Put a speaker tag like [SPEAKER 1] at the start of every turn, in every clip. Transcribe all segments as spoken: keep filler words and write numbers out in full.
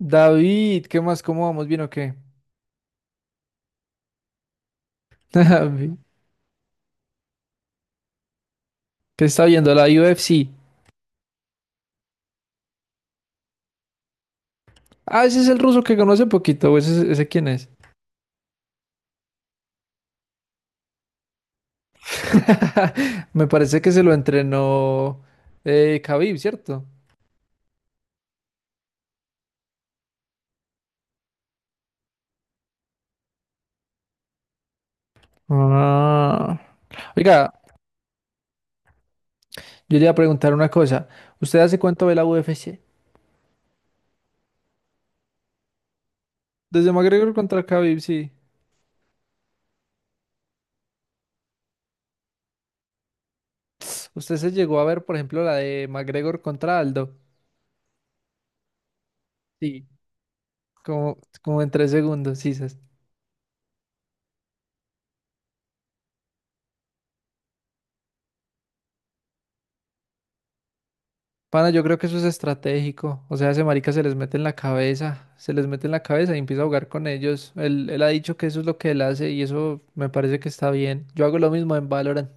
[SPEAKER 1] David, ¿qué más? ¿Cómo vamos? ¿Bien o qué? David, ¿qué está viendo? La U F C. Ah, ese es el ruso que conoce poquito. ¿o ¿Ese, ese quién es? Me parece que se lo entrenó eh, Khabib, ¿cierto? Ah. Oiga, yo le iba a preguntar una cosa. ¿Usted hace cuánto ve la U F C? Desde McGregor contra Khabib, sí. ¿Usted se llegó a ver, por ejemplo, la de McGregor contra Aldo? Sí. Como, como en tres segundos, sí. Sí. Pana, yo creo que eso es estratégico. O sea, ese marica se les mete en la cabeza, se les mete en la cabeza y empieza a jugar con ellos. Él, él ha dicho que eso es lo que él hace y eso me parece que está bien. Yo hago lo mismo en Valorant.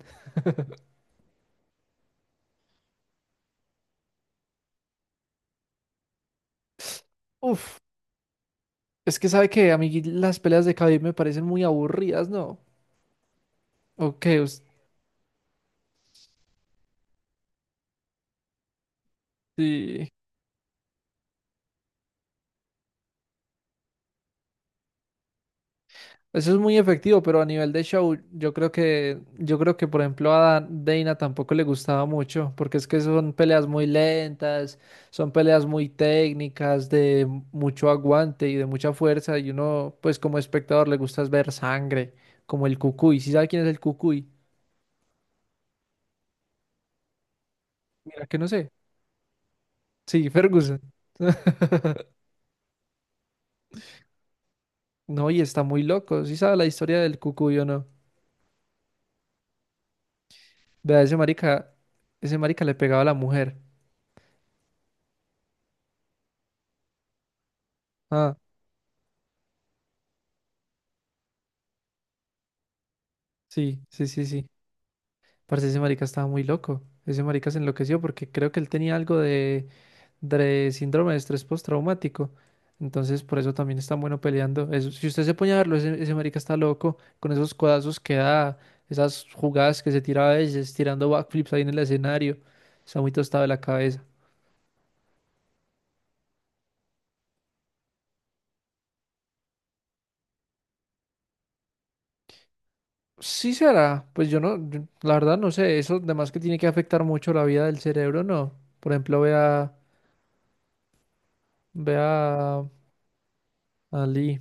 [SPEAKER 1] Uf, es que sabe que a mí las peleas de Khabib me parecen muy aburridas, ¿no? Ok, us- sí. Eso es muy efectivo, pero a nivel de show, yo creo que, yo creo que por ejemplo a Dana tampoco le gustaba mucho, porque es que son peleas muy lentas, son peleas muy técnicas, de mucho aguante y de mucha fuerza, y uno, pues como espectador, le gusta es ver sangre, como el Cucuy. ¿Sí sabe quién es el Cucuy? Mira que no sé. Sí, Ferguson. No, y está muy loco. ¿Sí sabe la historia del Cucuy o no? Vea, ese marica, ese marica le pegaba a la mujer. Ah, sí, sí, sí, sí. Parce, ese marica estaba muy loco. Ese marica se enloqueció porque creo que él tenía algo de, de síndrome de estrés postraumático. Entonces, por eso también es tan bueno peleando. Eso- si usted se pone a verlo, ese, ese marica está loco con esos codazos que da, esas jugadas que se tira a veces, tirando backflips ahí en el escenario. Está muy tostado de la cabeza. Sí será, pues yo no, yo- la verdad no sé, eso además que tiene que afectar mucho la vida del cerebro, no. Por ejemplo, vea, vea a a Lee.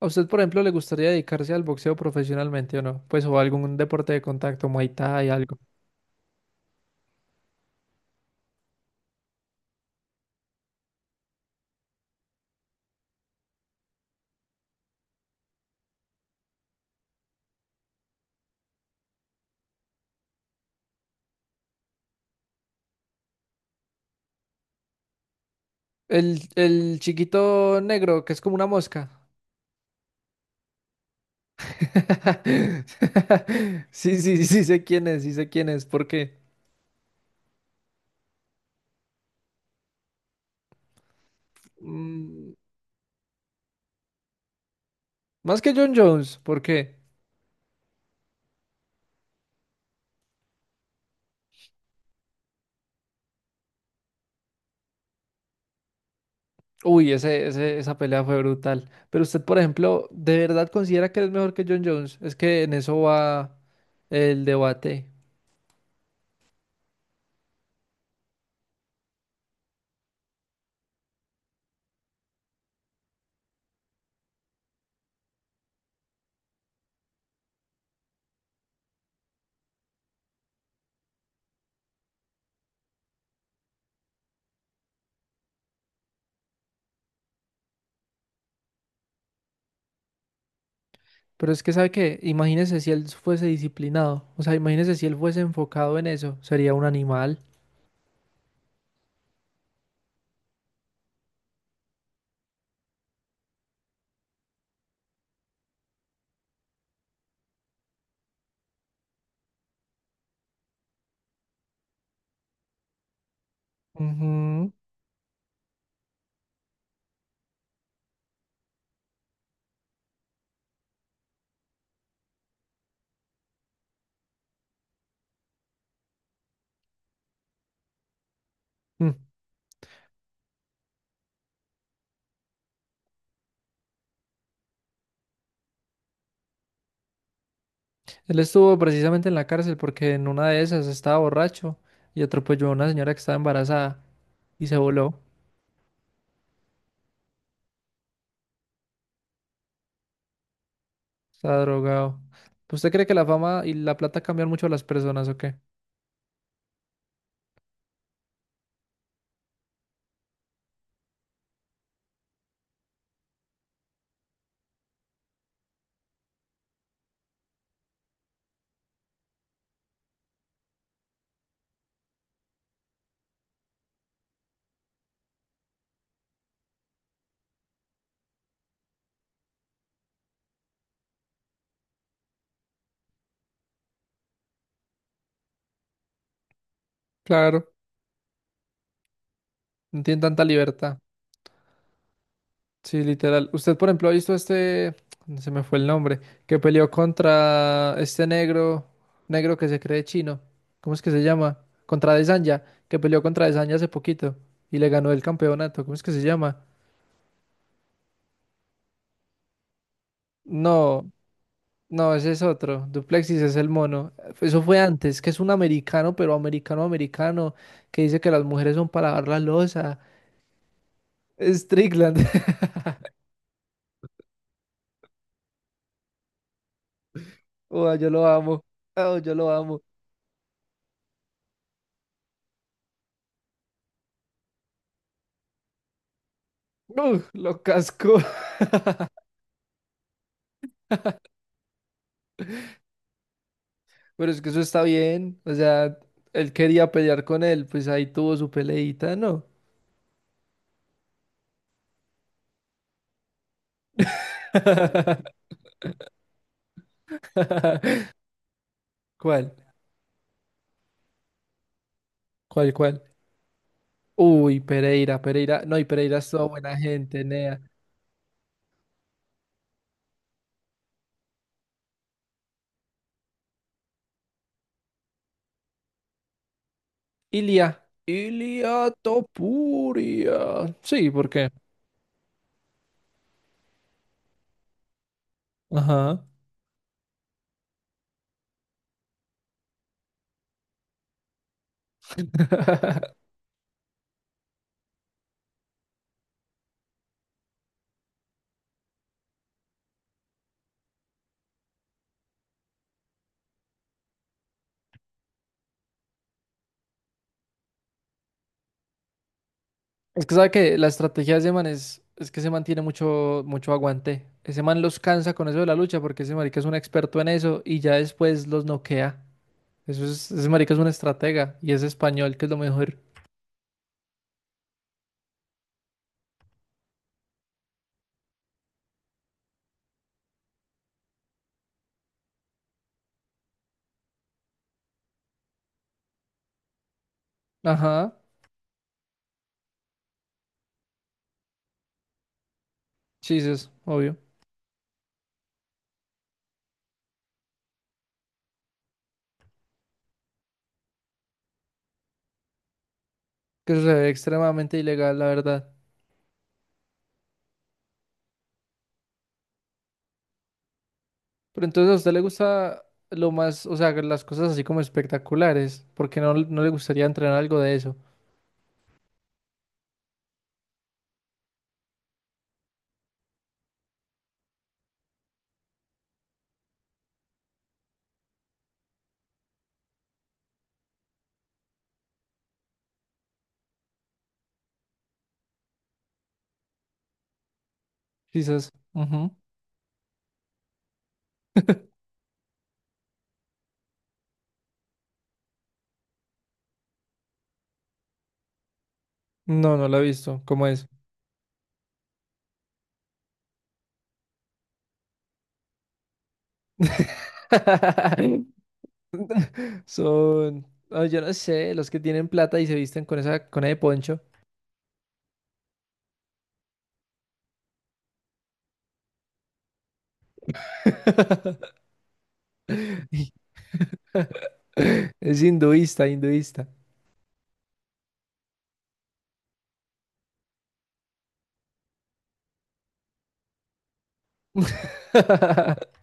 [SPEAKER 1] ¿A usted, por ejemplo, le gustaría dedicarse al boxeo profesionalmente o no? Pues o algún deporte de contacto, Muay Thai, algo. El, el chiquito negro, que es como una mosca. Sí, sí, sí sé quién es, sí sé quién es. ¿Por qué? Mm, más que John Jones, ¿por qué? Uy, ese, ese- esa pelea fue brutal. Pero usted, por ejemplo, ¿de verdad considera que es mejor que John Jones? Es que en eso va el debate. Pero es que sabe que, imagínese si él fuese disciplinado, o sea, imagínese si él fuese enfocado en eso, sería un animal. Ujú. Mm. Él estuvo precisamente en la cárcel porque en una de esas estaba borracho y atropelló a una señora que estaba embarazada y se voló, estaba drogado. ¿Usted cree que la fama y la plata cambian mucho a las personas o qué? Claro, no tienen tanta libertad. Sí, literal. Usted, por ejemplo, ha visto este, se me fue el nombre, que peleó contra este negro, negro que se cree chino. ¿Cómo es que se llama? Contra Desanya, que peleó contra Desanya hace poquito y le ganó el campeonato. ¿Cómo es que se llama? No, no, ese es otro. Duplexis es el mono. Eso fue antes, que es un americano, pero americano americano, que dice que las mujeres son para lavar la loza. Strickland. Oh, yo lo amo. Oh, yo lo amo. Uh, lo casco. Pero es que eso está bien. O sea, él quería pelear con él, pues ahí tuvo su peleita, ¿no? ¿Cuál? ¿Cuál, cuál? Uy, Pereira, Pereira. No, y Pereira es toda buena gente, Nea. Ilia. Ilia Topuria. Sí, ¿por qué? Ajá. Es que sabe que la estrategia de ese man es, es que ese man tiene mucho, mucho aguante. Ese man los cansa con eso de la lucha porque ese marica es un experto en eso y ya después los noquea. Eso es, ese marica es un estratega y es español, que es lo mejor. Ajá, chistes, obvio. Que eso se ve extremadamente ilegal, la verdad. Pero entonces a usted le gusta lo más, o sea, las cosas así como espectaculares, porque no, no le gustaría entrenar algo de eso. Chistes. Ujú. No, no lo he visto. ¿Cómo es? Son, ah, yo no sé, los que tienen plata y se visten con esa, con ese poncho. Es hinduista, hinduista.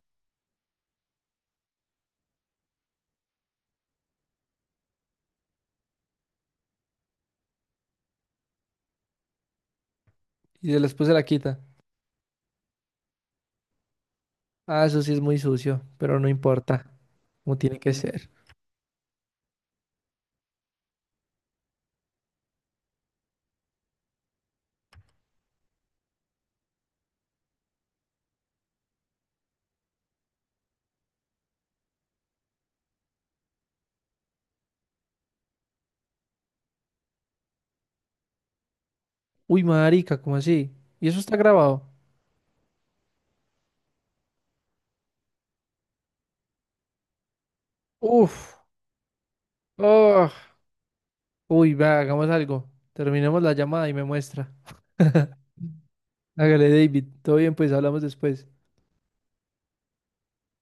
[SPEAKER 1] Y se después se la quita. Ah, eso sí es muy sucio, pero no importa, como tiene que ser. Uy, marica, ¿cómo así? ¿Y eso está grabado? Uf, oh. Uy, va, hagamos algo. Terminemos la llamada y me muestra. Hágale, David. Todo bien, pues hablamos después.